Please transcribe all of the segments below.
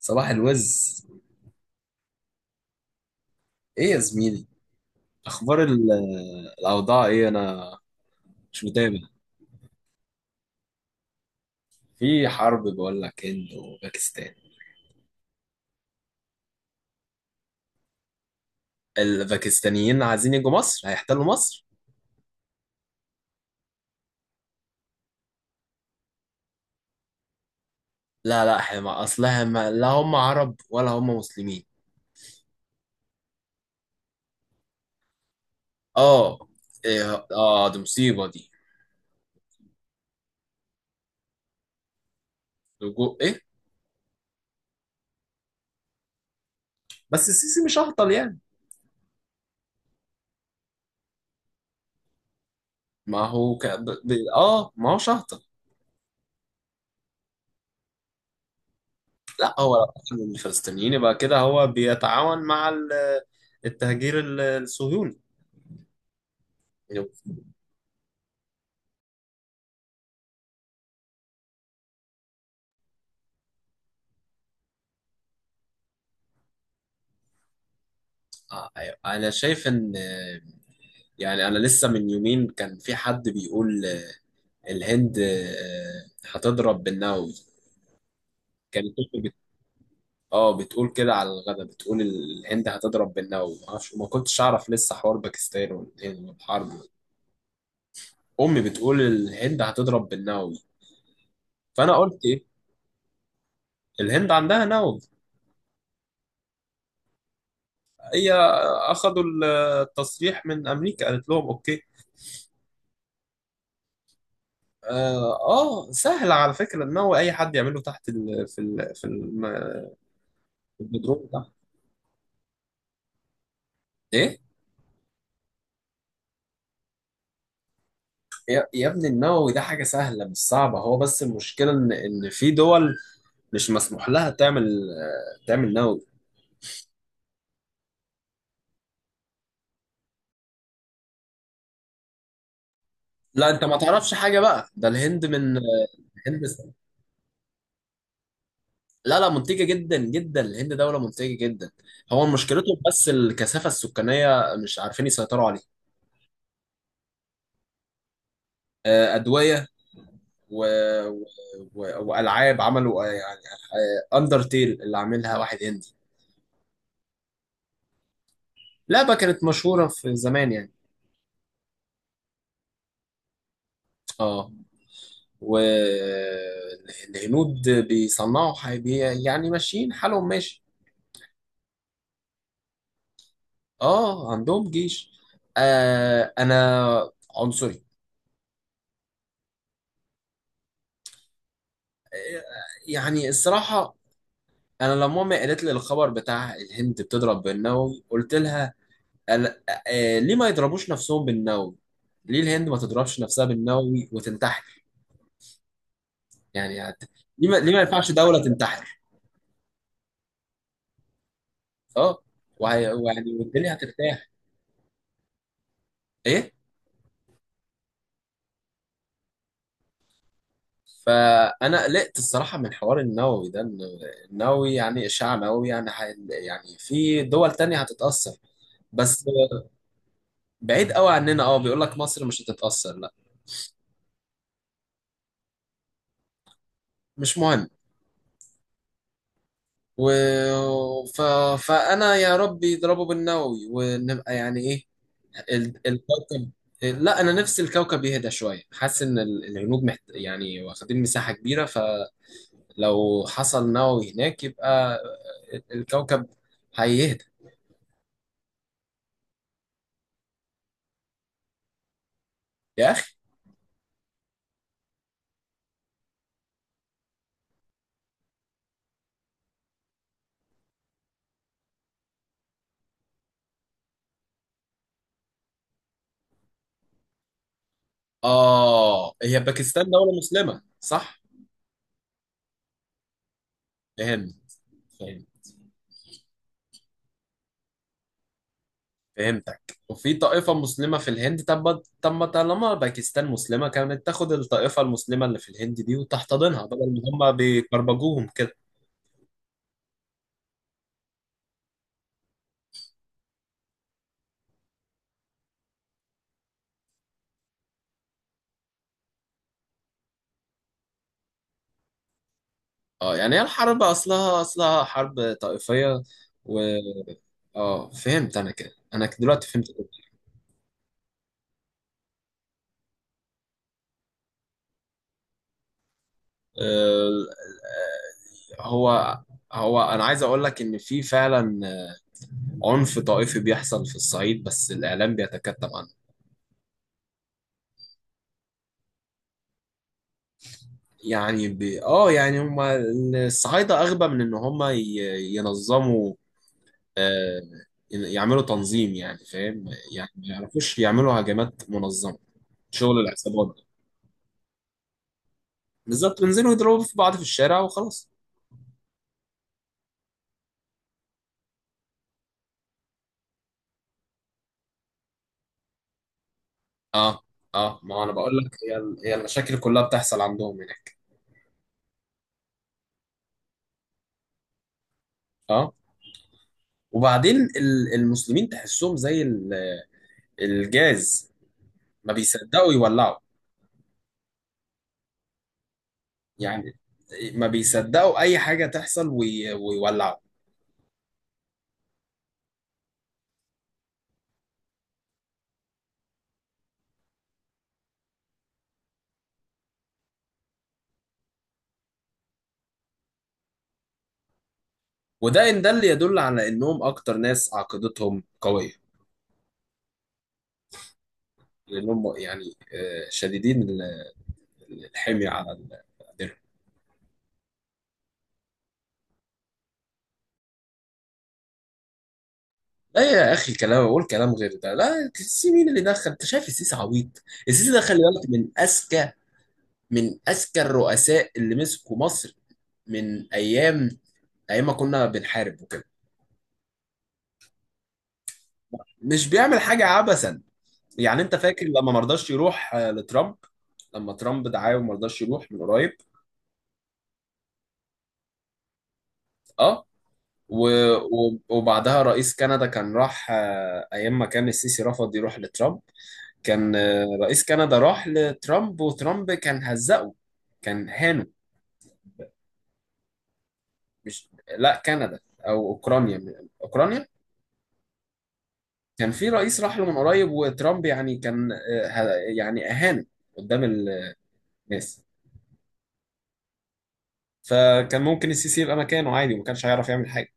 صباح الوز. ايه يا زميلي؟ اخبار الاوضاع؟ ايه، انا مش متابع. في حرب بقول لك، هند وباكستان. الباكستانيين عايزين يجوا مصر، هيحتلوا مصر. لا، لا، احنا ما اصلها ما لا هم عرب ولا هم مسلمين. اه. إيه! اه، دي مصيبة دي. لجوء ايه؟ بس السيسي مش هبطل يعني. ما هو ك... ب... ب... اه ما هوش هبطل. لا هو لو أخذ من الفلسطينيين يبقى كده هو بيتعاون مع التهجير الصهيوني. يعني أيوة. انا شايف ان، يعني، انا لسه من يومين كان في حد بيقول، الهند هتضرب بالنووي. كانت تركيا بت... اه بتقول كده على الغدا، بتقول الهند هتضرب بالنووي. معرفش، ما كنتش اعرف لسه حوار باكستان والهند والحرب. امي بتقول الهند هتضرب بالنووي، فانا قلت ايه، الهند عندها نووي. هي اخدوا التصريح من امريكا، قالت لهم اوكي. اه، سهل على فكره النووي، اي حد يعمله، تحت البترول ده. ايه؟ يا ابني، النووي ده حاجه سهله مش صعبه، هو بس المشكله ان في دول مش مسموح لها تعمل، تعمل نووي. لا انت ما تعرفش حاجه بقى، ده الهند من، الهند. لا، لا، منتجه جدا جدا، الهند دوله منتجه جدا. هو مشكلته بس الكثافه السكانيه، مش عارفين يسيطروا عليها. ادويه، و... و... والعاب. عملوا يعني، اندرتيل اللي عاملها واحد هندي. لعبه كانت مشهوره في زمان يعني. اه، والهنود بيصنعوا حاجة، يعني ماشيين حالهم ماشي. اه، عندهم جيش. انا عنصري. آه يعني الصراحة، انا لما امي قالت لي الخبر بتاع الهند بتضرب بالنووي، قلت لها، أنا- ليه ما يضربوش نفسهم بالنووي، ليه الهند ما تضربش نفسها بالنووي وتنتحر، يعني ليه ما ينفعش دولة تنتحر. اه، ويعني والدنيا هترتاح. ايه؟ فانا قلقت الصراحه من حوار النووي ده، إن النووي يعني اشعاع نووي، يعني يعني في دول تانية هتتاثر. بس بعيد قوي عننا، اه، بيقول لك مصر مش هتتاثر، لا. مش مهم. و... ف... فانا يا رب يضربوا بالنووي ونبقى يعني ايه، الكوكب. لا انا نفسي الكوكب يهدى شويه، حاسس ان الهنود يعني واخدين مساحه كبيره، فلو حصل نووي هناك يبقى الكوكب هيهدى. يا آه، هي باكستان دولة مسلمة صح؟ فهمت. فهمت. فهمتك. وفي طائفة مسلمة في الهند، طب، ما طالما باكستان مسلمة، كانت تاخد الطائفة المسلمة اللي في الهند دي وتحتضنها، بدل ما هم بيكربجوهم كده. اه، يعني هي الحرب أصلها حرب طائفية. و اه فهمت أنا كده، أنا دلوقتي فهمت كده. آه، آه، هو هو أنا عايز أقول لك إن في فعلا عنف طائفي بيحصل في الصعيد، بس الإعلام بيتكتم عنه. يعني ب... اه يعني هما الصعايدة أغبى من إن هما ينظموا، آه يعملوا تنظيم، يعني فاهم، يعني ما يعرفوش يعملوا هجمات منظمة. شغل العصابات ده، بالظبط، بينزلوا يضربوا في بعض في الشارع وخلاص. اه، اه، ما أنا بقول لك هي هي المشاكل كلها بتحصل عندهم هناك. اه، وبعدين المسلمين تحسهم زي الجاز، ما بيصدقوا يولعوا. يعني ما بيصدقوا أي حاجة تحصل ويولعوا. وده ان ده اللي يدل على انهم اكتر ناس عقيدتهم قويه، لانهم يعني شديدين الحميه على الدرهم. لا يا اخي، كلام، اقول كلام غير ده. لا السيسي مين اللي دخل؟ انت شايف السيسي عبيط؟ السيسي ده خلي بالك، من اذكى، من اذكى الرؤساء اللي مسكوا مصر، من ايام، ايام ما كنا بنحارب وكده. مش بيعمل حاجه عبثا، يعني انت فاكر لما مرضاش يروح لترامب؟ لما ترامب دعاه وما رضاش يروح من قريب. اه، و- وبعدها رئيس كندا كان راح، ايام ما كان السيسي رفض يروح لترامب، كان رئيس كندا راح لترامب، وترامب كان هزقه، كان هانه. مش لا كندا او اوكرانيا، اوكرانيا، كان في رئيس راح له من قريب وترامب يعني كان يعني اهانه قدام الناس. فكان ممكن السيسي يبقى مكانه عادي وما كانش هيعرف يعمل حاجه.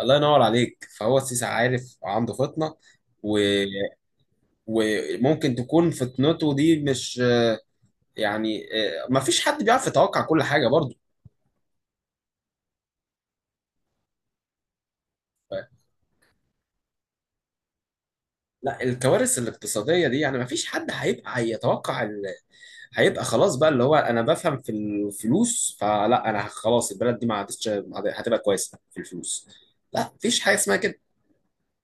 الله ينور عليك، فهو السيسي عارف وعنده فطنه، و... وممكن تكون فطنته دي مش يعني، ما فيش حد بيعرف يتوقع كل حاجة برضو. ف- لا الكوارث الاقتصادية دي يعني ما فيش حد هيبقى هيتوقع هيبقى خلاص بقى اللي هو، انا بفهم في الفلوس، فلا، انا خلاص، البلد دي ما عادتش، ما عاد- هتبقى كويسة في الفلوس. لا مفيش حاجة اسمها كده.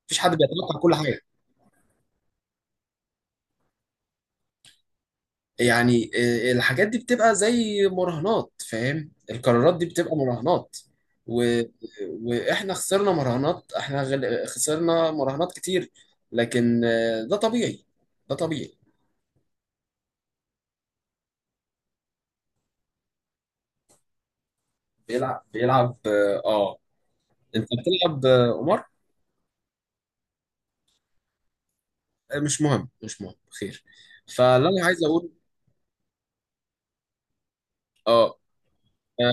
مفيش حد بيتوقع كل حاجة. يعني الحاجات دي بتبقى زي مراهنات، فاهم، القرارات دي بتبقى مراهنات. و... واحنا خسرنا مراهنات احنا غل... خسرنا مراهنات كتير، لكن ده طبيعي، ده طبيعي. بيلعب. انت بتلعب قمار. مش مهم، مش مهم. خير. فاللي انا عايز اقول، اه. آه،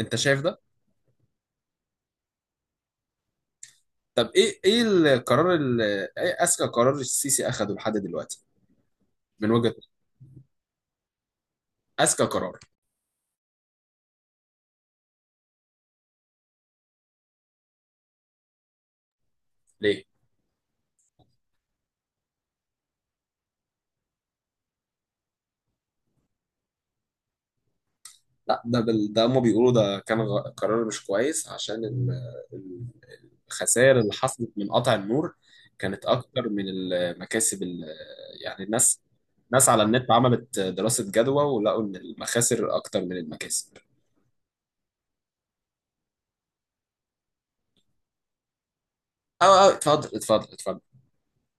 انت شايف ده؟ طب، ايه، القرار ايه اذكى قرار السيسي اخده لحد دلوقتي، من وجهة نظرك؟ اذكى قرار؟ ليه؟ لا ده ده هم بيقولوا ده كان قرار مش كويس، عشان ال- الخسائر اللي حصلت من قطع النور كانت اكتر من المكاسب يعني الناس، ناس على النت عملت دراسة جدوى، ولقوا ان المخاسر اكتر من المكاسب. اه، اه، اتفضل، اتفضل، اتفضل.